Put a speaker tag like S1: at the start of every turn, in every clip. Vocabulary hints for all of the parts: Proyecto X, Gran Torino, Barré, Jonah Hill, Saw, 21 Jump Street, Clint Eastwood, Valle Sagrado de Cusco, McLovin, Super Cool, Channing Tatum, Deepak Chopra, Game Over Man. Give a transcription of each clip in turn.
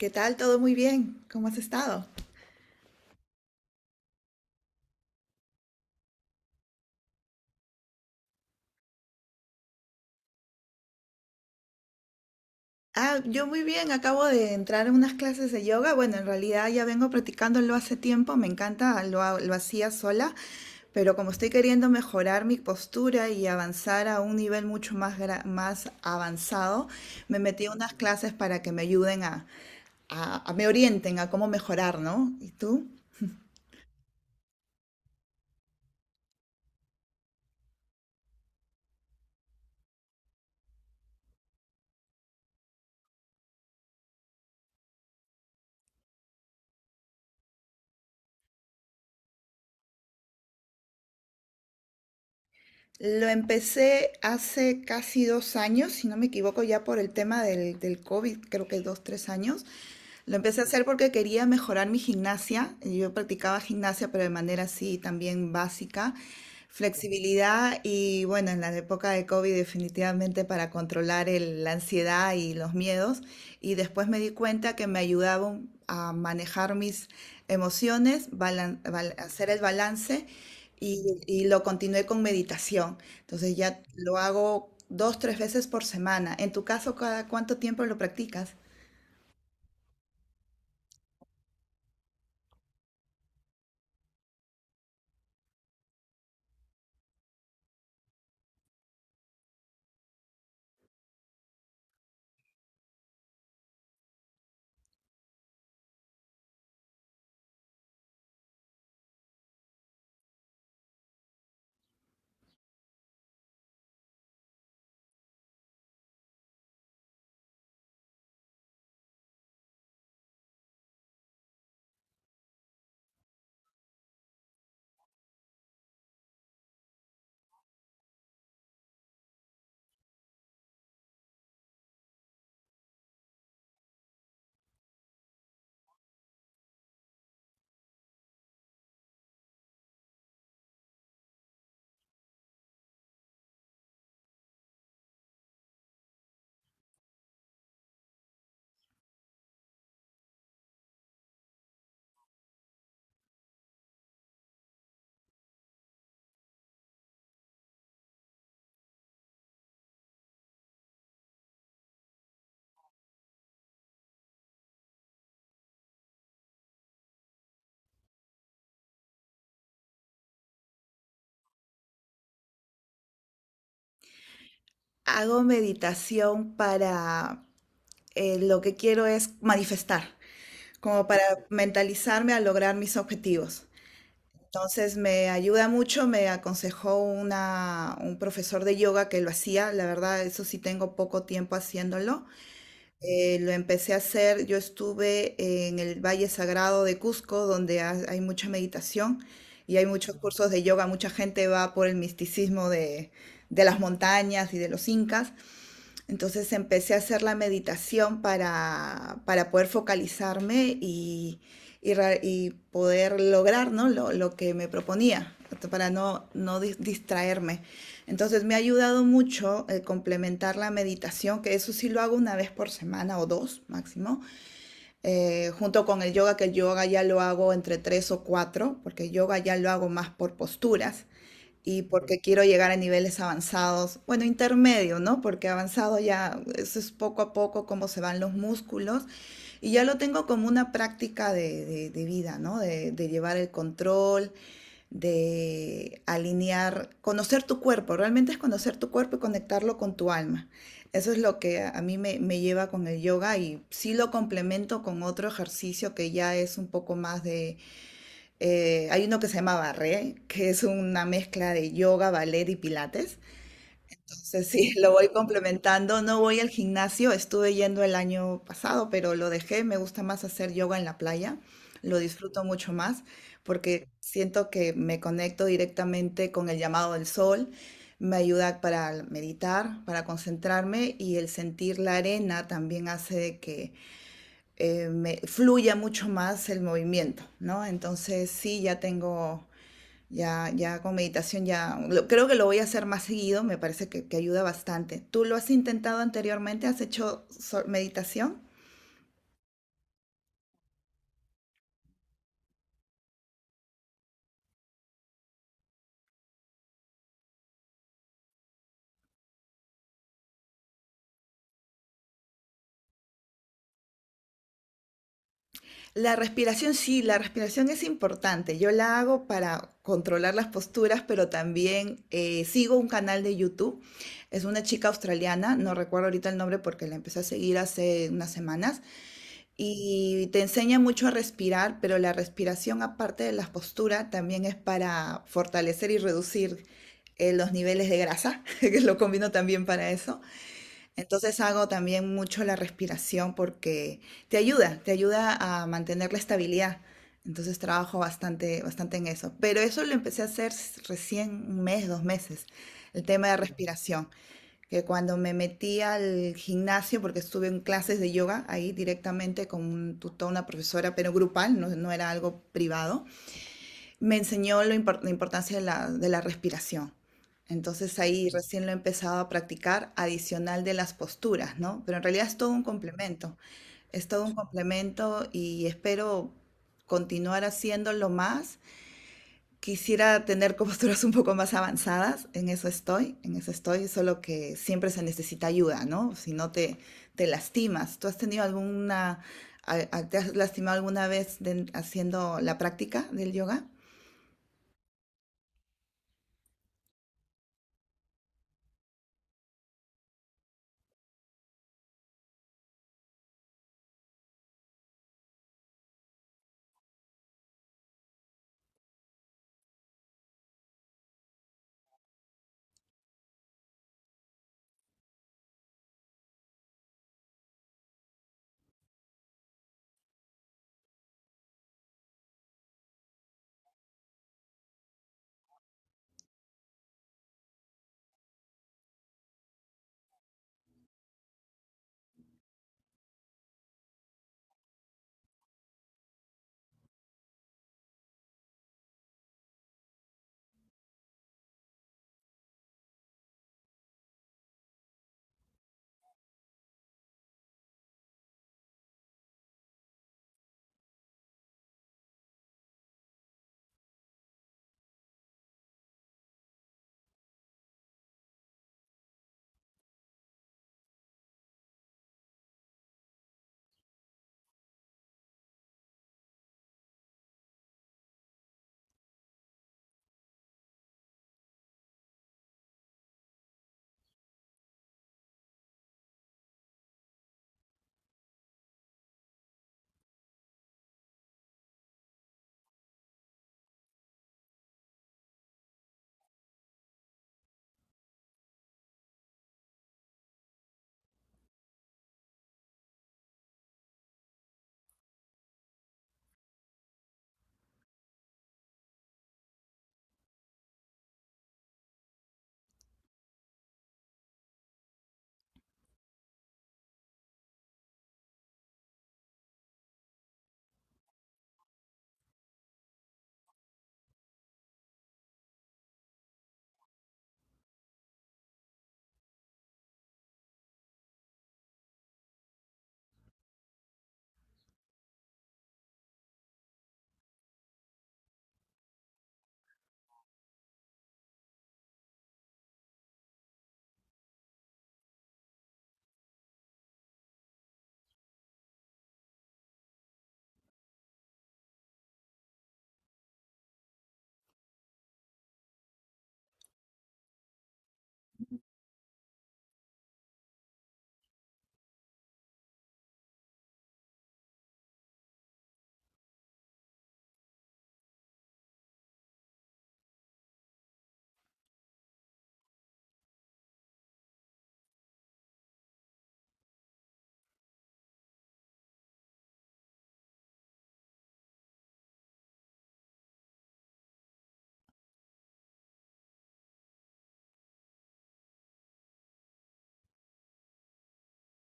S1: ¿Qué tal? ¿Todo muy bien? ¿Cómo has estado? Ah, yo muy bien. Acabo de entrar en unas clases de yoga. Bueno, en realidad ya vengo practicándolo hace tiempo. Me encanta, lo hacía sola, pero como estoy queriendo mejorar mi postura y avanzar a un nivel mucho más avanzado, me metí a unas clases para que me ayuden me orienten a cómo mejorar, ¿no? ¿Y tú? Lo empecé hace casi 2 años, si no me equivoco, ya por el tema del COVID, creo que dos, tres años. Lo empecé a hacer porque quería mejorar mi gimnasia. Yo practicaba gimnasia, pero de manera así también básica. Flexibilidad y bueno, en la época de COVID definitivamente para controlar la ansiedad y los miedos. Y después me di cuenta que me ayudaba a manejar mis emociones, hacer el balance y lo continué con meditación. Entonces ya lo hago dos, tres veces por semana. En tu caso, ¿cada cuánto tiempo lo practicas? Hago meditación para lo que quiero es manifestar, como para mentalizarme a lograr mis objetivos. Entonces me ayuda mucho, me aconsejó un profesor de yoga que lo hacía, la verdad, eso sí tengo poco tiempo haciéndolo. Lo empecé a hacer, yo estuve en el Valle Sagrado de Cusco, donde hay mucha meditación y hay muchos cursos de yoga, mucha gente va por el misticismo de las montañas y de los incas. Entonces empecé a hacer la meditación para poder focalizarme y poder lograr, ¿no? lo que me proponía, para no distraerme. Entonces me ha ayudado mucho el complementar la meditación, que eso sí lo hago una vez por semana o dos máximo, junto con el yoga, que el yoga ya lo hago entre tres o cuatro, porque el yoga ya lo hago más por posturas y porque quiero llegar a niveles avanzados, bueno, intermedio, ¿no? Porque avanzado ya eso es poco a poco cómo se van los músculos y ya lo tengo como una práctica de, de vida, ¿no? De llevar el control, de alinear, conocer tu cuerpo, realmente es conocer tu cuerpo y conectarlo con tu alma. Eso es lo que a mí me lleva con el yoga y sí lo complemento con otro ejercicio que ya es un poco más hay uno que se llama Barré, que es una mezcla de yoga, ballet y pilates. Entonces, sí, lo voy complementando. No voy al gimnasio, estuve yendo el año pasado, pero lo dejé. Me gusta más hacer yoga en la playa, lo disfruto mucho más porque siento que me conecto directamente con el llamado del sol. Me ayuda para meditar, para concentrarme y el sentir la arena también hace de que me fluya mucho más el movimiento, ¿no? Entonces sí, ya tengo ya, ya con meditación ya, creo que lo voy a hacer más seguido, me parece que ayuda bastante. ¿Tú lo has intentado anteriormente? ¿Has hecho meditación? La respiración, sí, la respiración es importante. Yo la hago para controlar las posturas, pero también sigo un canal de YouTube. Es una chica australiana, no recuerdo ahorita el nombre porque la empecé a seguir hace unas semanas. Y te enseña mucho a respirar, pero la respiración, aparte de la postura, también es para fortalecer y reducir los niveles de grasa, que lo combino también para eso. Entonces hago también mucho la respiración porque te ayuda a mantener la estabilidad. Entonces trabajo bastante, bastante en eso. Pero eso lo empecé a hacer recién un mes, dos meses, el tema de respiración que cuando me metí al gimnasio, porque estuve en clases de yoga ahí directamente con un tutor, una profesora, pero grupal, no, no era algo privado, me enseñó la importancia de la respiración. Entonces ahí recién lo he empezado a practicar adicional de las posturas, ¿no? Pero en realidad es todo un complemento, es todo un complemento y espero continuar haciéndolo más. Quisiera tener posturas un poco más avanzadas, en eso estoy, solo que siempre se necesita ayuda, ¿no? Si no te, te lastimas. ¿Tú has tenido alguna, te has lastimado alguna vez haciendo la práctica del yoga?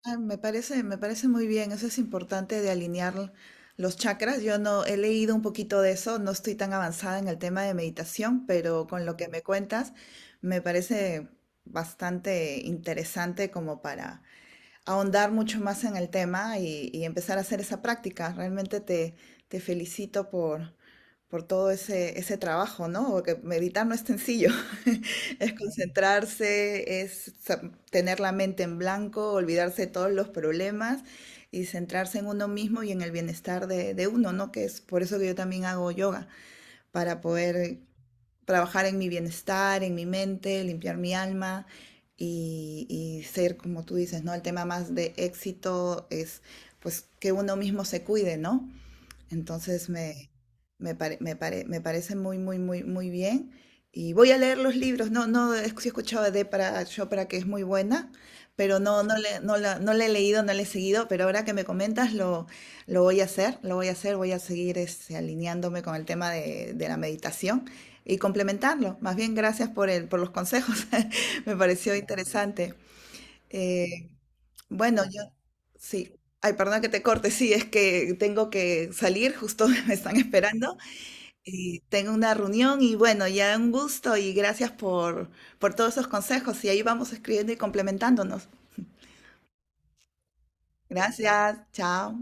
S1: Ah, me parece, me parece muy bien, eso es importante de alinear los chakras. Yo no he leído un poquito de eso, no estoy tan avanzada en el tema de meditación, pero con lo que me cuentas me parece bastante interesante como para ahondar mucho más en el tema y empezar a hacer esa práctica. Realmente te, te felicito por todo ese, ese trabajo, ¿no? Porque meditar no es sencillo, es concentrarse, tener la mente en blanco, olvidarse de todos los problemas y centrarse en uno mismo y en el bienestar de uno, ¿no? Que es por eso que yo también hago yoga, para poder trabajar en mi bienestar, en mi mente, limpiar mi alma y ser, como tú dices, ¿no? El tema más de éxito es pues que uno mismo se cuide, ¿no? Entonces me parece muy, muy, muy, muy bien. Y voy a leer los libros. No, no, he sí he escuchado de para Chopra que es muy buena, pero no la he leído, no la he seguido. Pero ahora que me comentas, lo voy a hacer, lo voy a hacer, voy a seguir este, alineándome con el tema de la meditación y complementarlo. Más bien, gracias por los consejos. Me pareció interesante. Eh, bueno, yo sí. Ay, perdón que te corte. Sí, es que tengo que salir, justo me están esperando y tengo una reunión y bueno, ya un gusto y gracias por todos esos consejos y ahí vamos escribiendo y complementándonos. Gracias, chao.